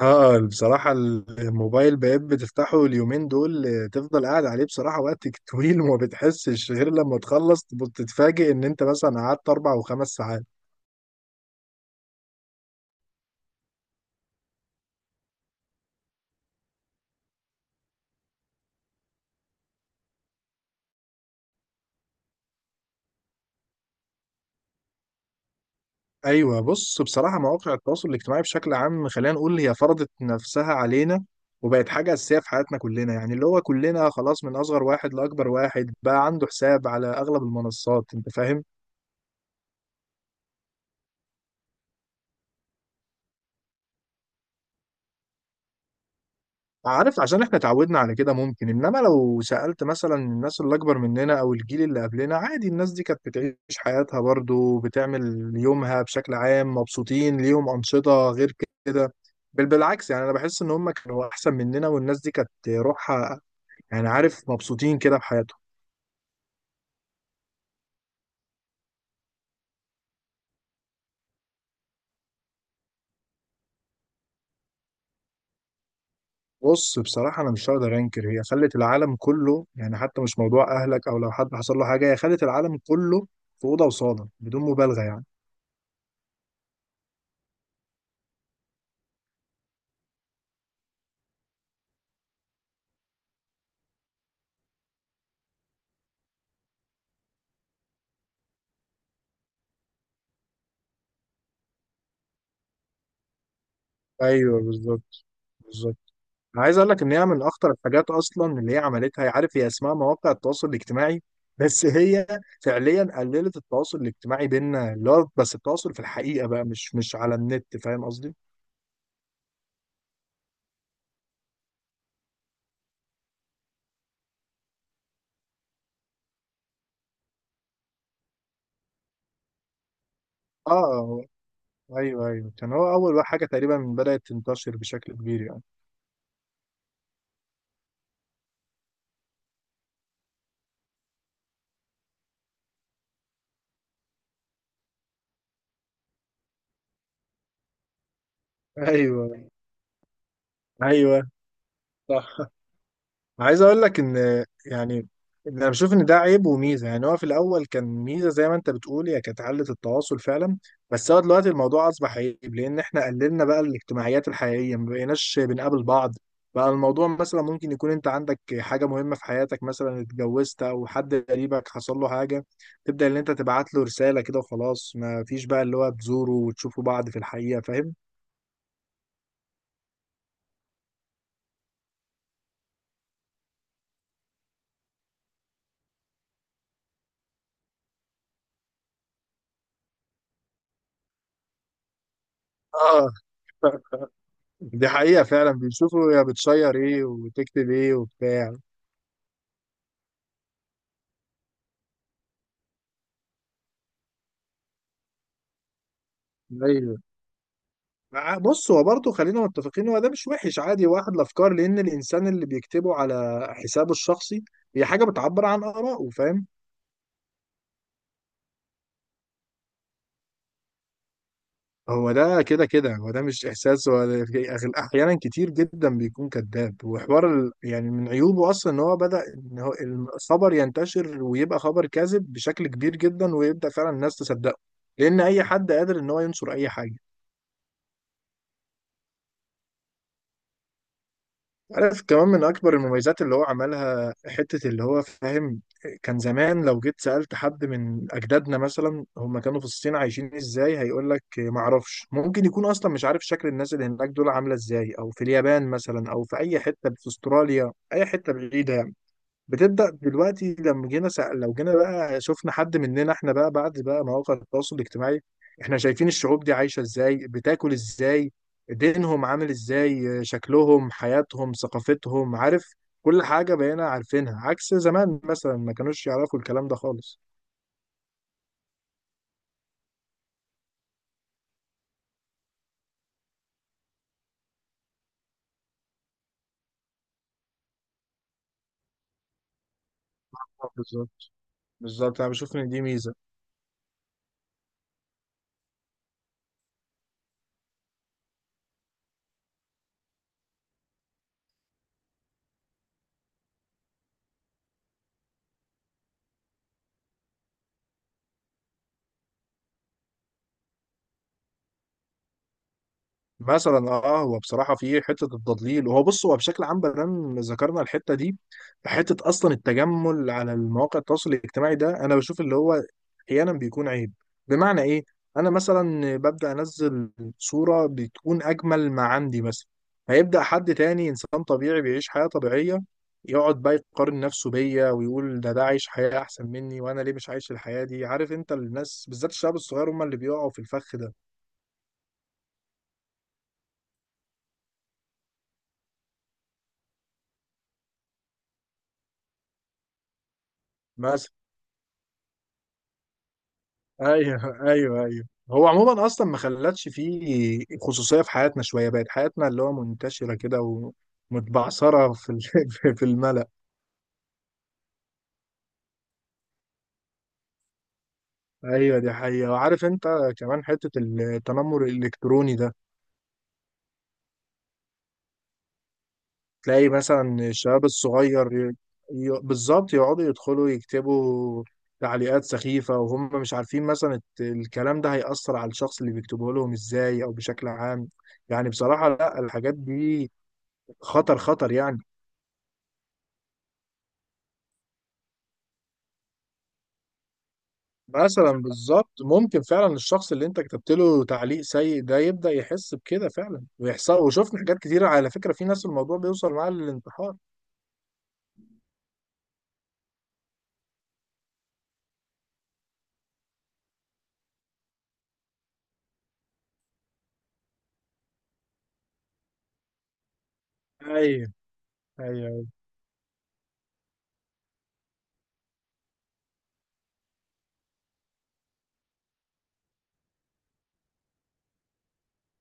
بصراحة الموبايل بقيت بتفتحه اليومين دول، تفضل قاعد عليه بصراحة وقت طويل وما بتحسش غير لما تخلص تتفاجئ ان انت مثلا قعدت اربع وخمس ساعات. ايوه بص، بصراحة مواقع التواصل الاجتماعي بشكل عام خلينا نقول هي فرضت نفسها علينا وبقت حاجة أساسية في حياتنا كلنا، يعني اللي هو كلنا خلاص من أصغر واحد لأكبر واحد بقى عنده حساب على أغلب المنصات، أنت فاهم. عارف عشان احنا اتعودنا على كده ممكن، انما لو سألت مثلا الناس اللي اكبر مننا او الجيل اللي قبلنا، عادي الناس دي كانت بتعيش حياتها برضو، بتعمل يومها بشكل عام مبسوطين، ليهم أنشطة غير كده. بل بالعكس، يعني انا بحس ان هم كانوا احسن مننا، والناس دي كانت روحها يعني عارف مبسوطين كده بحياتهم. بص بصراحة أنا مش هقدر أنكر، هي خلت العالم كله، يعني حتى مش موضوع أهلك أو لو حد حصل له حاجة، هي خلت العالم كله في أوضة وصالة بدون مبالغة يعني. أيوه بالظبط. بالظبط انا عايز اقول لك ان هي من اخطر الحاجات اصلا اللي هي عملتها، عارف هي اسمها مواقع التواصل الاجتماعي بس هي فعليا قللت التواصل الاجتماعي بيننا، اللي هو بس التواصل في الحقيقه بقى مش على النت، فاهم قصدي؟ اه آه، ايوه كان هو اول حاجه تقريبا بدات تنتشر بشكل كبير يعني. ايوه ايوه صح. عايز اقول لك ان يعني انا بشوف ان ده عيب وميزه، يعني هو في الاول كان ميزه زي ما انت بتقول، هي كانت علة التواصل فعلا، بس هو دلوقتي الموضوع اصبح عيب، لان احنا قللنا بقى الاجتماعيات الحقيقيه، ما بقيناش بنقابل بعض. بقى الموضوع مثلا ممكن يكون انت عندك حاجه مهمه في حياتك، مثلا اتجوزت او حد قريبك حصل له حاجه، تبدا ان انت تبعت له رساله كده وخلاص، ما فيش بقى اللي هو تزوره وتشوفوا بعض في الحقيقه، فاهم. اه دي حقيقه فعلا، بيشوفوا يا بتشير ايه وتكتب ايه وبتاع. ايوه. بص هو برضه خلينا متفقين، هو ده مش وحش عادي واحد الافكار، لان الانسان اللي بيكتبه على حسابه الشخصي هي حاجه بتعبر عن ارائه، فاهم. هو ده كده هو ده مش احساس هو احيانا كتير جدا بيكون كذاب، وحوار يعني من عيوبه اصلا ان هو بدا ان هو الخبر ينتشر ويبقى خبر كاذب بشكل كبير جدا، ويبدا فعلا الناس تصدقه، لان اي حد قادر ان هو ينشر اي حاجه. عارف كمان من أكبر المميزات اللي هو عملها حتة اللي هو فاهم، كان زمان لو جيت سألت حد من أجدادنا مثلا هم كانوا في الصين عايشين إزاي، هيقول لك معرفش، ممكن يكون أصلا مش عارف شكل الناس اللي هناك دول عاملة إزاي، أو في اليابان مثلا، أو في أي حتة في أستراليا، أي حتة بعيدة يعني. بتبدأ دلوقتي لما لو جينا بقى شفنا حد مننا احنا بقى بعد بقى مواقع التواصل الاجتماعي، احنا شايفين الشعوب دي عايشة ازاي، بتاكل ازاي، دينهم عامل ازاي، شكلهم، حياتهم، ثقافتهم، عارف كل حاجة بقينا عارفينها، عكس زمان مثلا ما كانوش يعرفوا الكلام ده خالص. آه، بالظبط. بالظبط انا بشوف ان دي ميزة. مثلا اه هو بصراحه في حته التضليل، وهو بص هو بشكل عام بدل ذكرنا الحته دي، حته اصلا التجمل على المواقع التواصل الاجتماعي ده انا بشوف اللي هو احيانا بيكون عيب. بمعنى ايه؟ انا مثلا ببدا انزل صوره بتكون اجمل ما عندي مثلا، هيبدا حد تاني انسان طبيعي بيعيش حياه طبيعيه يقعد بقى يقارن نفسه بيا، ويقول ده عايش حياه احسن مني، وانا ليه مش عايش الحياه دي، عارف انت الناس بالذات الشباب الصغير هم اللي بيقعوا في الفخ ده. ايوه. هو عموما اصلا ما خلتش فيه خصوصيه في حياتنا شويه، بقت حياتنا اللي هو منتشره كده ومتبعثره في في الملأ. ايوه دي حقيقه. وعارف انت كمان حته التنمر الالكتروني ده، تلاقي مثلا الشباب الصغير بالظبط يقعدوا يدخلوا يكتبوا تعليقات سخيفه، وهم مش عارفين مثلا الكلام ده هيأثر على الشخص اللي بيكتبه لهم ازاي، او بشكل عام يعني بصراحه لا، الحاجات دي خطر يعني. مثلا بالظبط ممكن فعلا الشخص اللي انت كتبت له تعليق سيء ده يبدأ يحس بكده فعلا، ويحصل وشفنا حاجات كتيرة على فكرة، في ناس الموضوع بيوصل معاها للانتحار. ايوه ايوه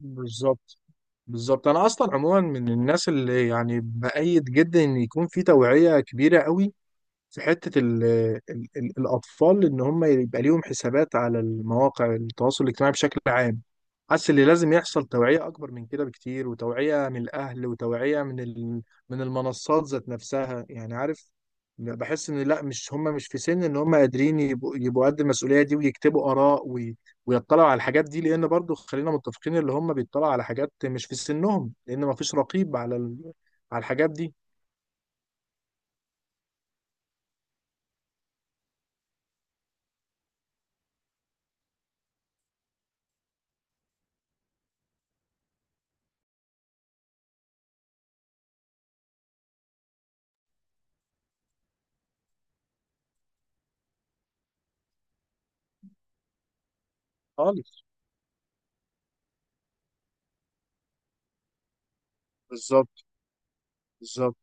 بالظبط. بالظبط انا اصلا عموما من الناس اللي يعني بأيد جدا ان يكون في توعية كبيرة قوي في حتة ال الأطفال، إن هم يبقى ليهم حسابات على المواقع التواصل الاجتماعي بشكل عام. حاسس اللي لازم يحصل توعية أكبر من كده بكتير، وتوعية من الأهل وتوعية من من المنصات ذات نفسها، يعني عارف بحس إن لأ، مش هم مش في سن إن هم قادرين يبقوا قد المسؤولية دي، ويكتبوا آراء ويطلعوا على الحاجات دي، لأن برضو خلينا متفقين اللي هم بيطلعوا على حاجات مش في سنهم، لأن مفيش رقيب على على الحاجات دي خالص. بالظبط. بالظبط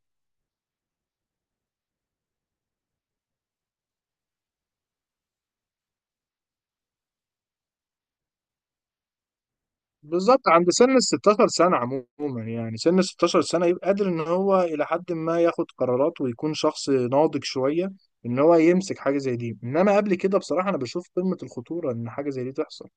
بالظبط عند سن ال 16 سنة عموما، يعني سن ال 16 سنة يبقى قادر ان هو الى حد ما ياخد قرارات، ويكون شخص ناضج شوية ان هو يمسك حاجة زي دي، انما قبل كده بصراحة انا بشوف قمة الخطورة ان حاجة زي دي تحصل.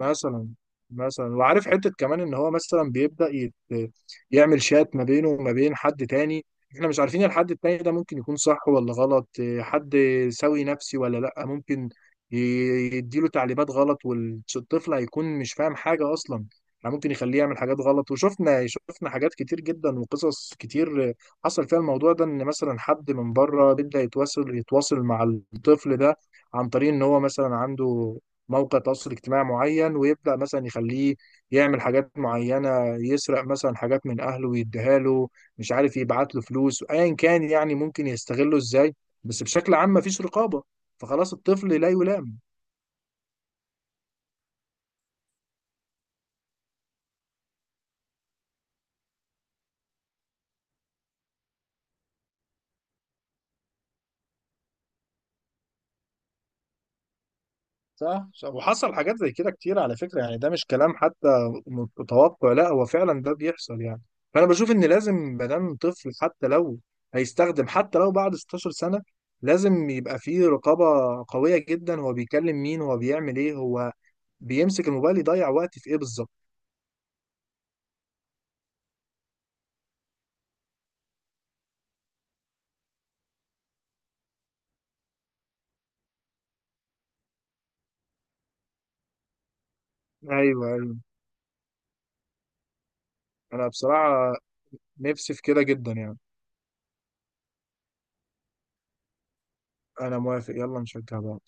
مثلا. مثلا وعارف حتة كمان ان هو مثلا يعمل شات ما بينه وما بين حد تاني، احنا مش عارفين الحد التاني ده ممكن يكون صح ولا غلط، إيه، حد سوي نفسي ولا لا، ممكن ي- يديله تعليمات غلط، والطفل هيكون مش فاهم حاجة اصلا، يعني ممكن يخليه يعمل حاجات غلط. وشفنا حاجات كتير جدا وقصص كتير حصل فيها الموضوع ده، ان مثلا حد من بره بيبدأ يتواصل مع الطفل ده عن طريق ان هو مثلا عنده موقع تواصل اجتماعي معين، ويبدأ مثلا يخليه يعمل حاجات معينة، يسرق مثلا حاجات من أهله ويديها له، مش عارف يبعت له فلوس أيا كان، يعني ممكن يستغله إزاي، بس بشكل عام مفيش رقابة، فخلاص الطفل لا يلام. صح صح. وحصل حاجات زي كده كتير على فكرة، يعني ده مش كلام حتى متوقع، لا هو فعلا ده بيحصل يعني. فأنا بشوف إن لازم مادام طفل، حتى لو هيستخدم حتى لو بعد 16 سنة لازم يبقى فيه رقابة قوية جدا، هو بيكلم مين، هو بيعمل ايه، هو بيمسك الموبايل يضيع وقتي في ايه بالظبط. ايوه. انا بصراحه نفسي في كده جدا يعني. انا موافق، يلا نشجع بعض.